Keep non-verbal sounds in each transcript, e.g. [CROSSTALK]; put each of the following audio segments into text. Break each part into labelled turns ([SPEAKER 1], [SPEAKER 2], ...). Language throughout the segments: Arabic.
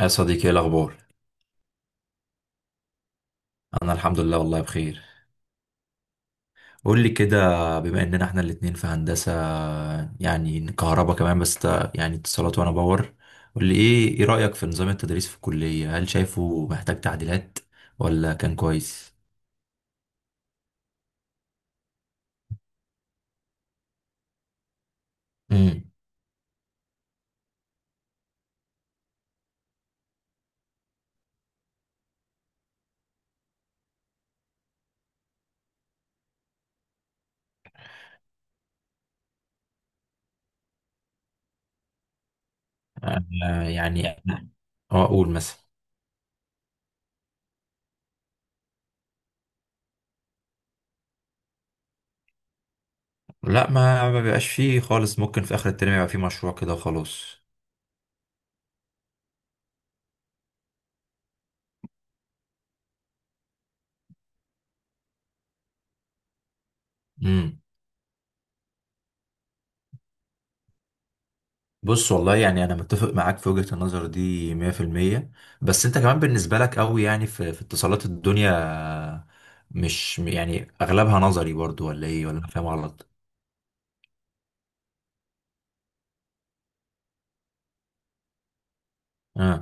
[SPEAKER 1] يا صديقي، ايه الاخبار؟ انا الحمد لله، والله بخير. قول لي كده، بما اننا احنا الاتنين في هندسة، يعني كهرباء كمان، بس يعني اتصالات وانا باور. قول لي ايه رأيك في نظام التدريس في الكلية؟ هل شايفه محتاج تعديلات ولا كان كويس؟ امم. يعني اه اقول مثلا. لا، ما ما بيبقاش فيه خالص، ممكن في اخر الترم يبقى فيه مشروع كده وخلاص. امم. بص والله، يعني انا متفق معاك في وجهة النظر دي 100%. بس انت كمان بالنسبة لك قوي، يعني في, في اتصالات الدنيا مش يعني اغلبها نظري برضو؟ ولا ايه؟ ولا أنا فاهم غلط؟ اه،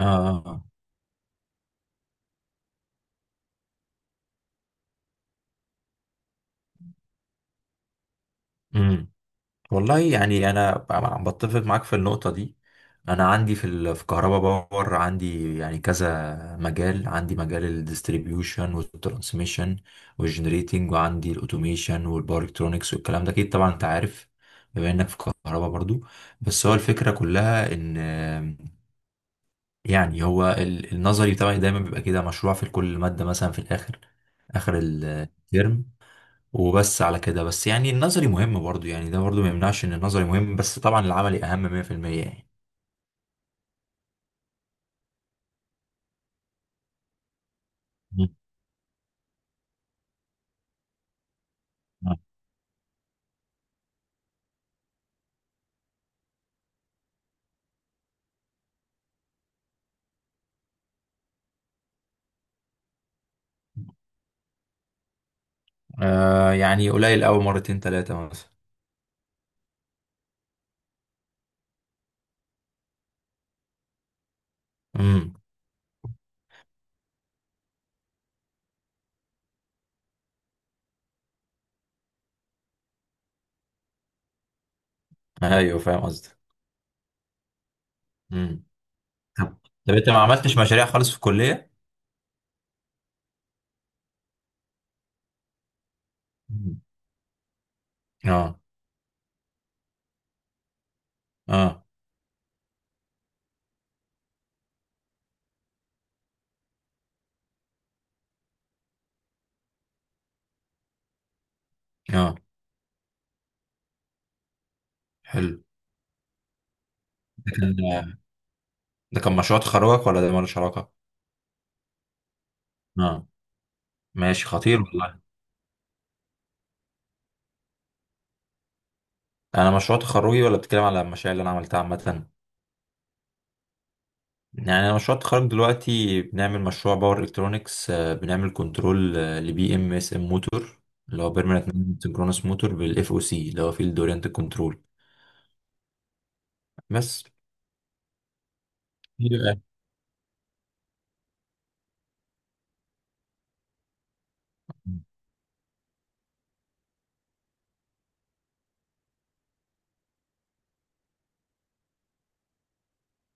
[SPEAKER 1] اه، اه. امم. والله يعني انا عم بتفق معاك في النقطه دي. انا عندي في كهربا باور، عندي يعني كذا مجال. عندي مجال الديستريبيوشن والترانسميشن والجنريتنج، وعندي الاوتوميشن والباور الكترونكس والكلام ده، اكيد طبعا انت عارف بما انك في كهربا برضو. بس هو الفكره كلها ان، يعني هو النظري بتاعي دايما بيبقى كده مشروع في كل ماده مثلا في الاخر، اخر الترم، وبس على كده. بس يعني النظري مهم برضو، يعني ده برضو ما يمنعش ان النظري مهم، بس طبعا العملي اهم 100% يعني. مم. آه. آه يعني قليل قوي، مرتين ثلاثة مثلا. امم. ايوه فاهم قصدك. امم. طب طب انت ما عملتش مشاريع خالص في الكلية؟ مم. اه، اه، اه. حلو. ده كان ده كان مشروع تخرجك ولا ده مالوش علاقة؟ اه. ماشي خطير والله. انا مشروع تخرجي ولا بتتكلم على المشاريع اللي انا عملتها عامة؟ يعني انا مشروع التخرج دلوقتي بنعمل مشروع باور الكترونكس، بنعمل كنترول لبي ام اس ام موتور، اللي هو بيرمننت سنكرونس موتور بالاف او سي، اللي هو فيلد اورينت كنترول بس. يبقى-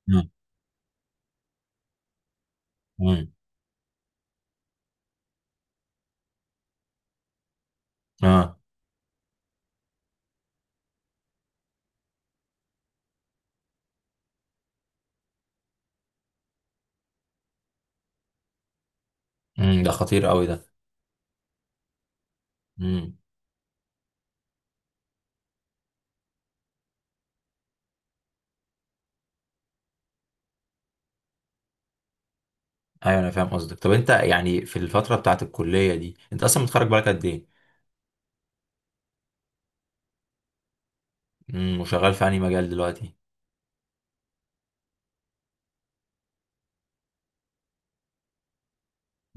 [SPEAKER 1] مم. مم. اه. مم. ده خطير قوي ده. مم. ايوه انا فاهم قصدك. طب انت يعني في الفتره بتاعت الكليه دي انت اصلا متخرج بقالك قد ايه؟ مم. وشغال في انهي مجال دلوقتي؟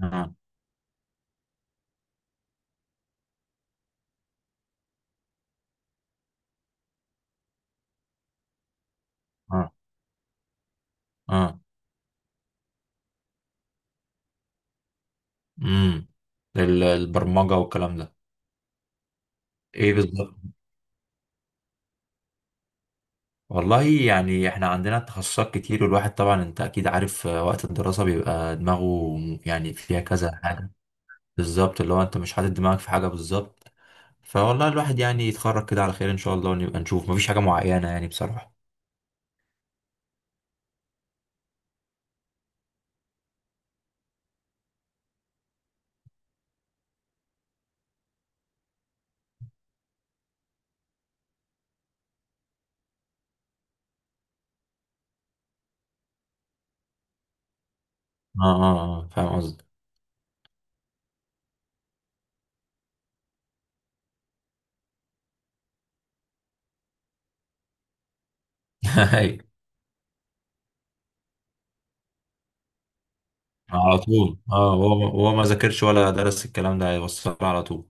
[SPEAKER 1] اه، اه، اه. مم. البرمجه والكلام ده. ايه بالظبط. والله يعني احنا عندنا تخصصات كتير، والواحد طبعا انت اكيد عارف، وقت الدراسة بيبقى دماغه يعني فيها كذا حاجة. بالظبط، اللي هو انت مش حاطط دماغك في حاجة بالظبط. فوالله الواحد يعني يتخرج كده على خير ان شاء الله، ونبقى نشوف. مفيش حاجة معينة يعني بصراحة. اه، اه، اه فاهم قصدي. [LAUGHS] أيوة، على طول. اه هو هو ما ذاكرش ولا درس الكلام ده، هيوصل على طول.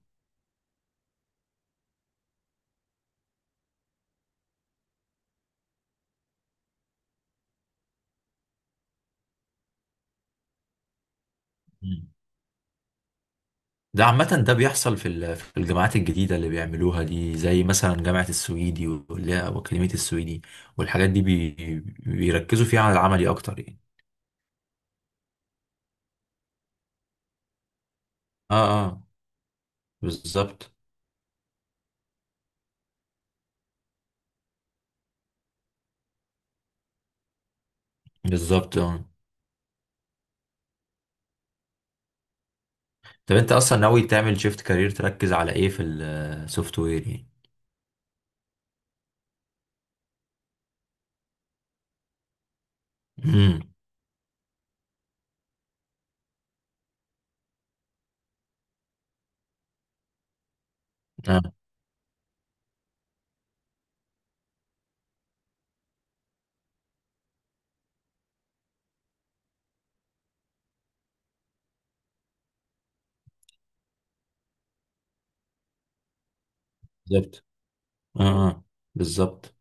[SPEAKER 1] ده عامة ده بيحصل في الجامعات الجديدة اللي بيعملوها دي، زي مثلا جامعة السويدي واللي هي أكاديمية السويدي والحاجات دي، بيركزوا فيها على العملي أكتر يعني. اه، اه. بالظبط. بالظبط اه. طب أنت أصلا ناوي تعمل شيفت كارير، تركز على إيه في السوفت وير يعني؟ امم. اه، بالظبط. اه، اه، بالظبط.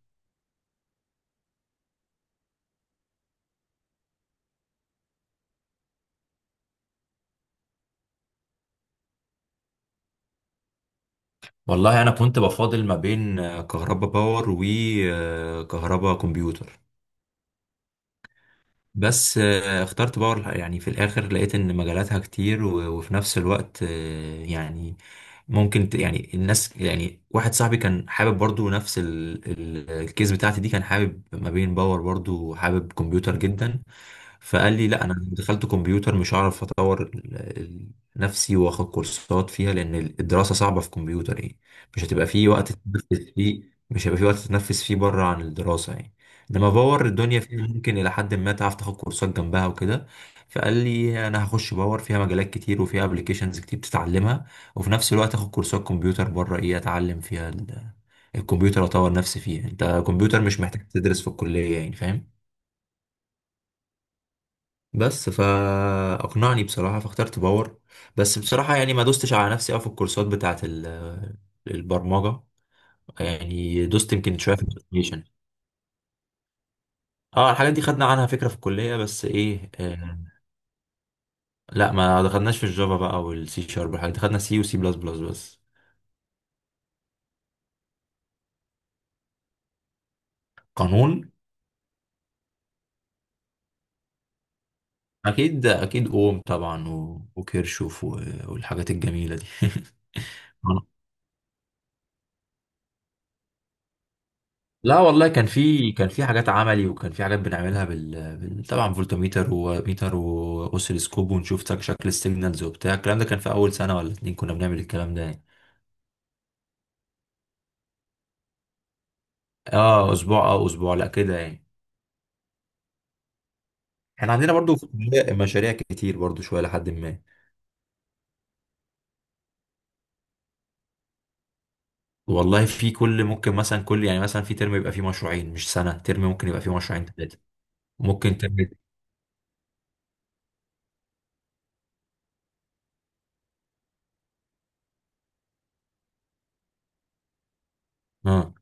[SPEAKER 1] والله أنا كنت بفاضل ما بين كهربا باور وكهربا كمبيوتر. بس اخترت باور يعني في الاخر. لقيت ان مجالاتها كتير، وفي نفس الوقت يعني ممكن يعني الناس، يعني واحد صاحبي كان حابب برضو نفس الكيس بتاعتي دي، كان حابب ما بين باور برضو وحابب كمبيوتر جدا. فقال لي لا، انا دخلت كمبيوتر مش هعرف اطور نفسي، واخد كورسات فيها، لان الدراسة صعبة في كمبيوتر يعني. مش هتبقى فيه وقت تتنفس فيه، مش هيبقى فيه وقت تتنفس فيه بره عن الدراسة يعني. لما باور الدنيا فيها ممكن الى حد ما تعرف تاخد كورسات جنبها وكده. فقال لي انا هخش باور، فيها مجالات كتير وفيها ابلكيشنز كتير بتتعلمها، وفي نفس الوقت اخد كورسات كمبيوتر بره، ايه اتعلم فيها الكمبيوتر، اطور نفسي فيه. انت كمبيوتر مش محتاج تدرس في الكلية يعني، فاهم؟ بس فاقنعني بصراحة، فاخترت باور. بس بصراحة يعني ما دوستش على نفسي قوي في الكورسات بتاعت البرمجة. يعني دوست يمكن شوية في الابلكيشن. اه، الحاجات دي خدنا عنها فكرة في الكلية، بس ايه، لا ما دخلناش في الجافا بقى والسي شارب والحاجات دي. دخلنا سي وسي بلس بلس بس. قانون اكيد اكيد اوم طبعا، وكيرشوف، والحاجات الجميله دي. [LAUGHS] لا والله، كان في حاجات عملي، وكان في حاجات بنعملها طبعا فولتميتر وميتر واوسيلوسكوب، ونشوف شكل السيجنالز وبتاع. الكلام ده كان في اول سنه ولا اتنين، كنا بنعمل الكلام ده يعني. اه اسبوع، اه اسبوع، لا كده يعني. احنا عندنا برضو في الكلية مشاريع كتير برضو شويه لحد ما. والله في كل، ممكن مثلا كل، يعني مثلا في ترم يبقى فيه مشروعين، مش سنة، ترم ممكن يبقى فيه مشروعين ثلاثة، ممكن ترم. اه،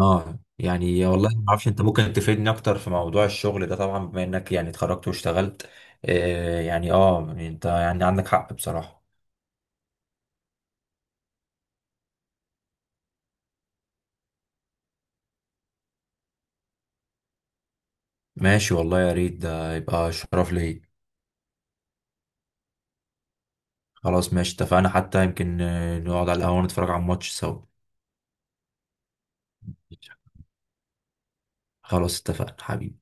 [SPEAKER 1] اه يعني. والله ما اعرفش، انت ممكن تفيدني اكتر في موضوع الشغل ده طبعا بما انك يعني اتخرجت واشتغلت. آه يعني، يعني انت يعني عندك حق بصراحة. ماشي والله يا ريت، ده يبقى شرف لي. خلاص ماشي اتفقنا، حتى يمكن نقعد على القهوة نتفرج على الماتش سوا. خلاص اتفقنا حبيبي.